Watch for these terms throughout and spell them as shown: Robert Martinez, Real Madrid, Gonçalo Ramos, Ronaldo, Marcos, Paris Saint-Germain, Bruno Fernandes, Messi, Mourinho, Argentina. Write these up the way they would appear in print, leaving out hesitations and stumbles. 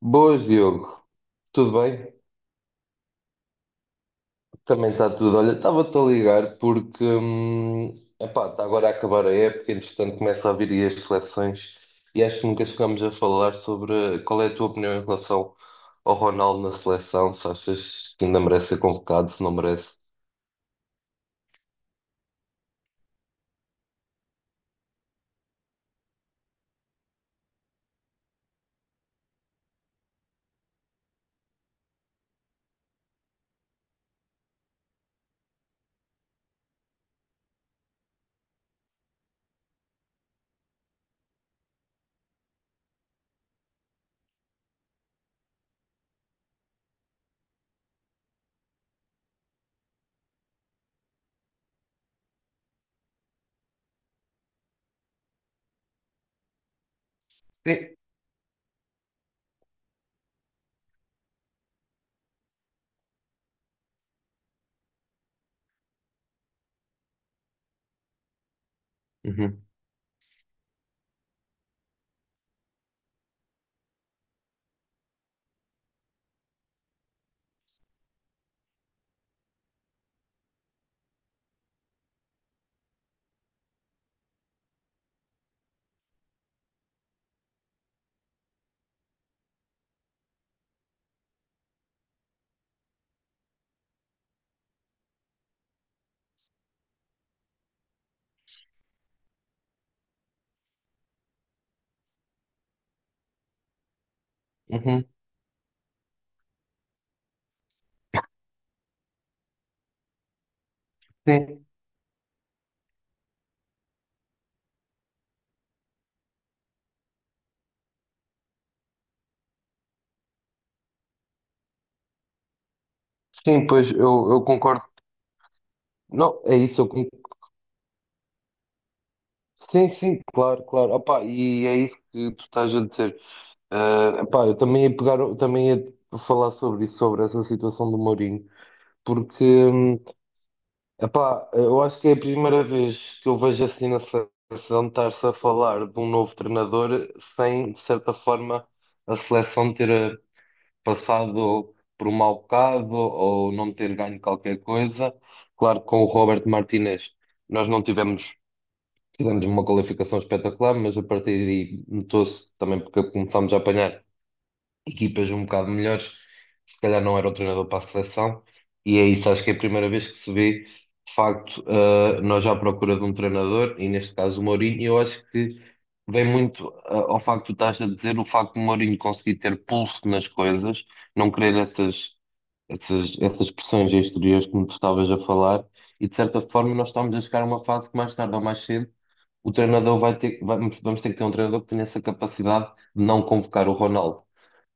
Boas, Diogo. Tudo bem? Também está tudo. Olha, estava-te a ligar porque, epá, está agora a acabar a época, entretanto começa a vir aí as seleções e acho que nunca chegámos a falar sobre qual é a tua opinião em relação ao Ronaldo na seleção, se achas que ainda merece ser convocado, se não merece. Sim. Uhum. Uhum. Sim, sim, pois eu concordo. Não, é isso, eu concordo. Sim, sim, claro, claro. Opá, e é isso que tu estás a dizer. Ah, pá, eu também ia pegar, também ia falar sobre isso, sobre essa situação do Mourinho, porque, epá, eu acho que é a primeira vez que eu vejo assim na seleção estar-se a falar de um novo treinador sem, de certa forma, a seleção ter passado por um mau bocado ou não ter ganho qualquer coisa. Claro que com o Robert Martinez nós não tivemos, tivemos uma qualificação espetacular, mas a partir daí notou-se também porque começámos a apanhar equipas um bocado melhores, se calhar não era o treinador para a seleção, e é isso, acho que é a primeira vez que se vê, de facto, nós já à procura de um treinador, e neste caso o Mourinho, e eu acho que vem muito ao facto que tu estás a dizer, o facto de Mourinho conseguir ter pulso nas coisas, não querer essas pressões exteriores que tu estavas a falar, e de certa forma nós estamos a chegar a uma fase que mais tarde ou mais cedo o treinador vai ter, vamos ter que ter um treinador que tenha essa capacidade de não convocar o Ronaldo.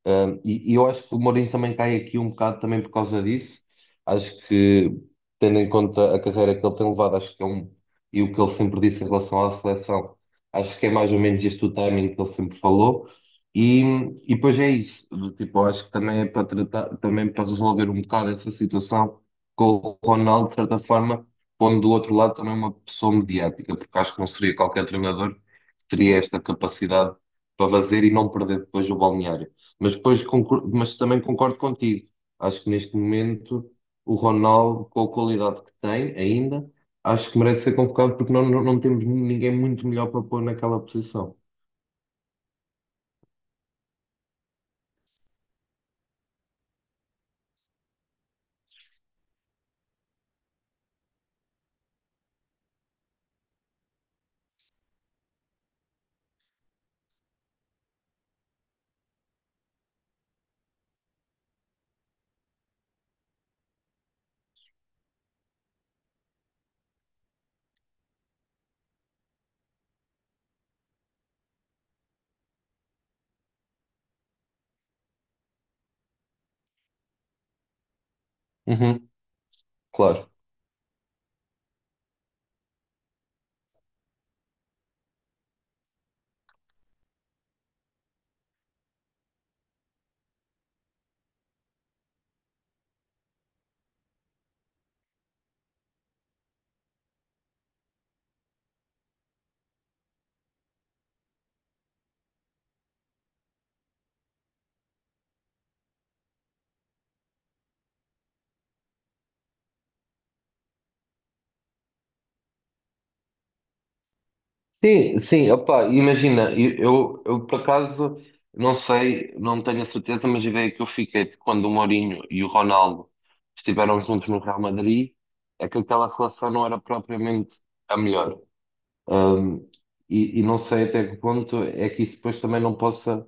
E eu acho que o Mourinho também cai aqui um bocado também por causa disso. Acho que, tendo em conta a carreira que ele tem levado, acho que é um. E o que ele sempre disse em relação à seleção, acho que é mais ou menos este o timing que ele sempre falou. E, e depois é isso. Do tipo, eu acho que também é para tratar, também para resolver um bocado essa situação com o Ronaldo, de certa forma, pondo do outro lado também uma pessoa mediática, porque acho que não seria qualquer treinador que teria esta capacidade para fazer e não perder depois o balneário. Mas depois mas também concordo contigo. Acho que neste momento o Ronaldo, com a qualidade que tem ainda, acho que merece ser convocado porque não temos ninguém muito melhor para pôr naquela posição. Uhum, claro. Sim, sim, opá, imagina, eu, por acaso não sei, não tenho a certeza, mas a ideia que eu fiquei de quando o Mourinho e o Ronaldo estiveram juntos no Real Madrid é que aquela relação não era propriamente a melhor. Ahm, e não sei até que ponto é que isso depois também não possa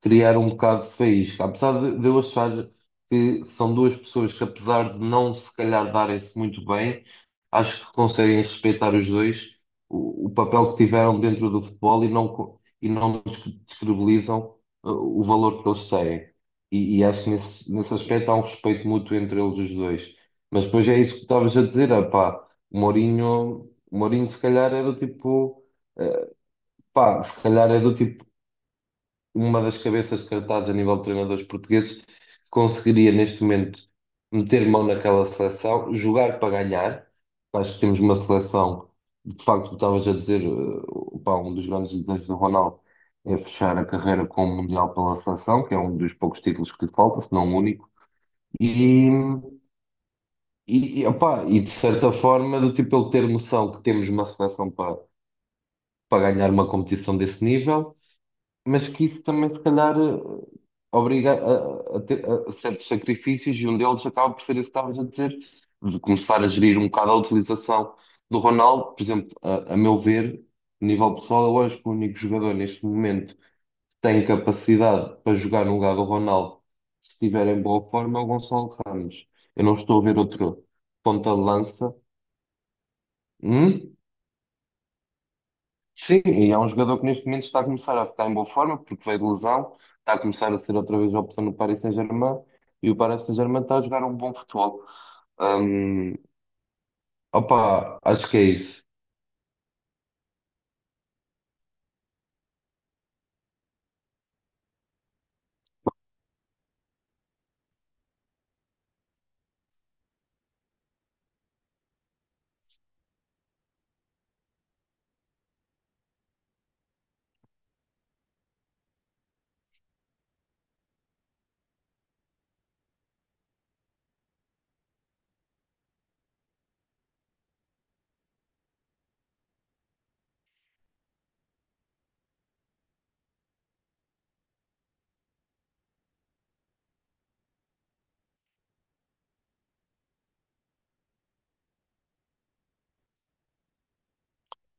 criar um bocado de faísca. Apesar de eu achar que são duas pessoas que, apesar de não se calhar darem-se muito bem, acho que conseguem respeitar os dois o papel que tiveram dentro do futebol e não, e não descredibilizam o valor que eles têm. E acho que nesse aspecto há um respeito mútuo entre eles os dois. Mas depois é isso que tu estavas a dizer, ah, pá, o Mourinho se calhar é do tipo. uh, Pá, se calhar é do tipo uma das cabeças de cartaz a nível de treinadores portugueses, que conseguiria neste momento meter mão naquela seleção, jogar para ganhar. Acho que temos uma seleção, de facto, tu estavas a dizer, pá, um dos grandes desejos do Ronaldo é fechar a carreira com o Mundial pela seleção, que é um dos poucos títulos que lhe falta, se não o único. E, e, opá, e de certa forma, do tipo ele ter noção que temos uma seleção para, para ganhar uma competição desse nível mas que isso também, se calhar, obriga a ter a certos sacrifícios e um deles acaba por ser isso que estavas a dizer, de começar a gerir um bocado a utilização do Ronaldo. Por exemplo, a meu ver, a nível pessoal, eu acho que o único jogador neste momento que tem capacidade para jogar no lugar do Ronaldo, se estiver em boa forma, é o Gonçalo Ramos. Eu não estou a ver outro ponta de lança. Hum? Sim, e é um jogador que neste momento está a começar a ficar em boa forma, porque veio de lesão, está a começar a ser outra vez a opção no Paris Saint-Germain, e o Paris Saint-Germain está a jogar um bom futebol. Hum, opa, acho que é isso.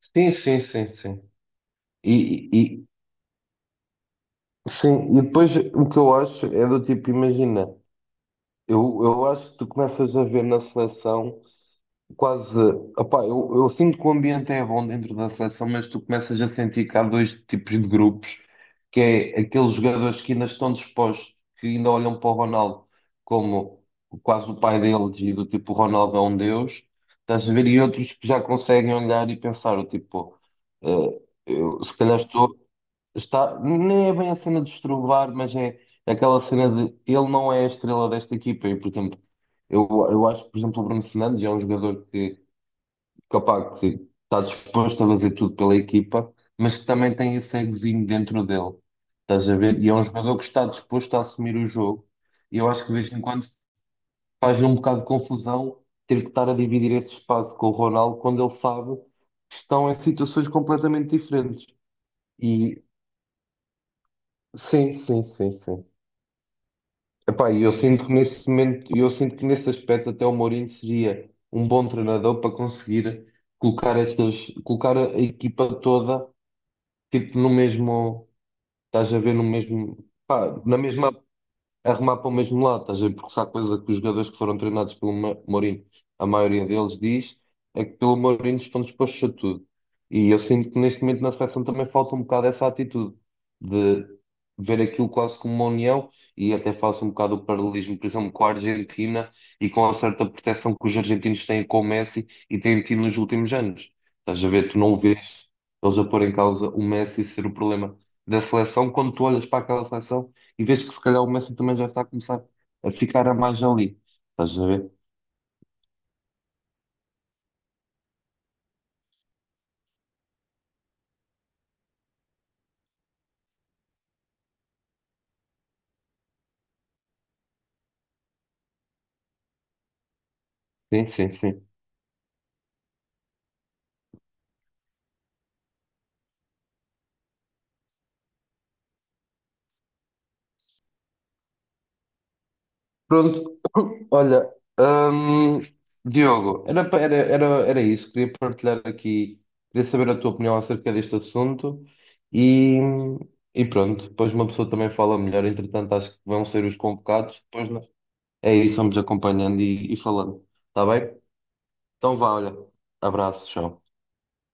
Sim, sim, sim, sim. E, e- sim, e depois o que eu acho é do tipo, imagina, eu acho que tu começas a ver na seleção. Quase, opá, eu sinto que o ambiente é bom dentro da seleção, mas tu começas a sentir que há dois tipos de grupos, que é aqueles jogadores que ainda estão dispostos, que ainda olham para o Ronaldo como quase o pai deles e do tipo, o Ronaldo é um deus, estás a ver, e outros que já conseguem olhar e pensar, o tipo, eh, eu, se calhar estou, está, nem é bem a cena de estrovar, mas é aquela cena de ele não é a estrela desta equipa, e por exemplo, eu acho que, por exemplo, o Bruno Fernandes é um jogador que capaz que está disposto a fazer tudo pela equipa, mas que também tem esse egozinho dentro dele. Estás a ver? E é um jogador que está disposto a assumir o jogo. E eu acho que de vez em quando faz um bocado de confusão ter que estar a dividir esse espaço com o Ronaldo quando ele sabe que estão em situações completamente diferentes. E sim, sim, sim, sim. Epá, e eu sinto que nesse momento, eu sinto que nesse aspecto até o Mourinho seria um bom treinador para conseguir colocar estas, colocar a equipa toda tipo no mesmo, estás a ver no mesmo, pá, na mesma arrumar para o mesmo lado, estás a ver? Porque se há coisa que os jogadores que foram treinados pelo Mourinho, a maioria deles diz, é que pelo Mourinho estão dispostos a tudo. E eu sinto que neste momento na seleção também falta um bocado essa atitude de ver aquilo quase como uma união e até faço um bocado o paralelismo, por exemplo, com a Argentina e com a certa proteção que os argentinos têm com o Messi e têm tido nos últimos anos. Estás a ver? Tu não vês eles a pôr em causa o Messi ser o problema da seleção quando tu olhas para aquela seleção. E vês que se calhar o Messi também já está a começar a ficar a mais ali. Estás a ver? Sim, sim, sim. Pronto, olha, hum, Diogo, era, pa- era, era, era isso. Queria partilhar aqui, queria saber a tua opinião acerca deste assunto e, e pronto, depois uma pessoa também fala melhor. Entretanto, acho que vão ser os convocados. Depois nós- é isso, vamos acompanhando e falando. Está bem? Então vá, olha, abraço, tchau.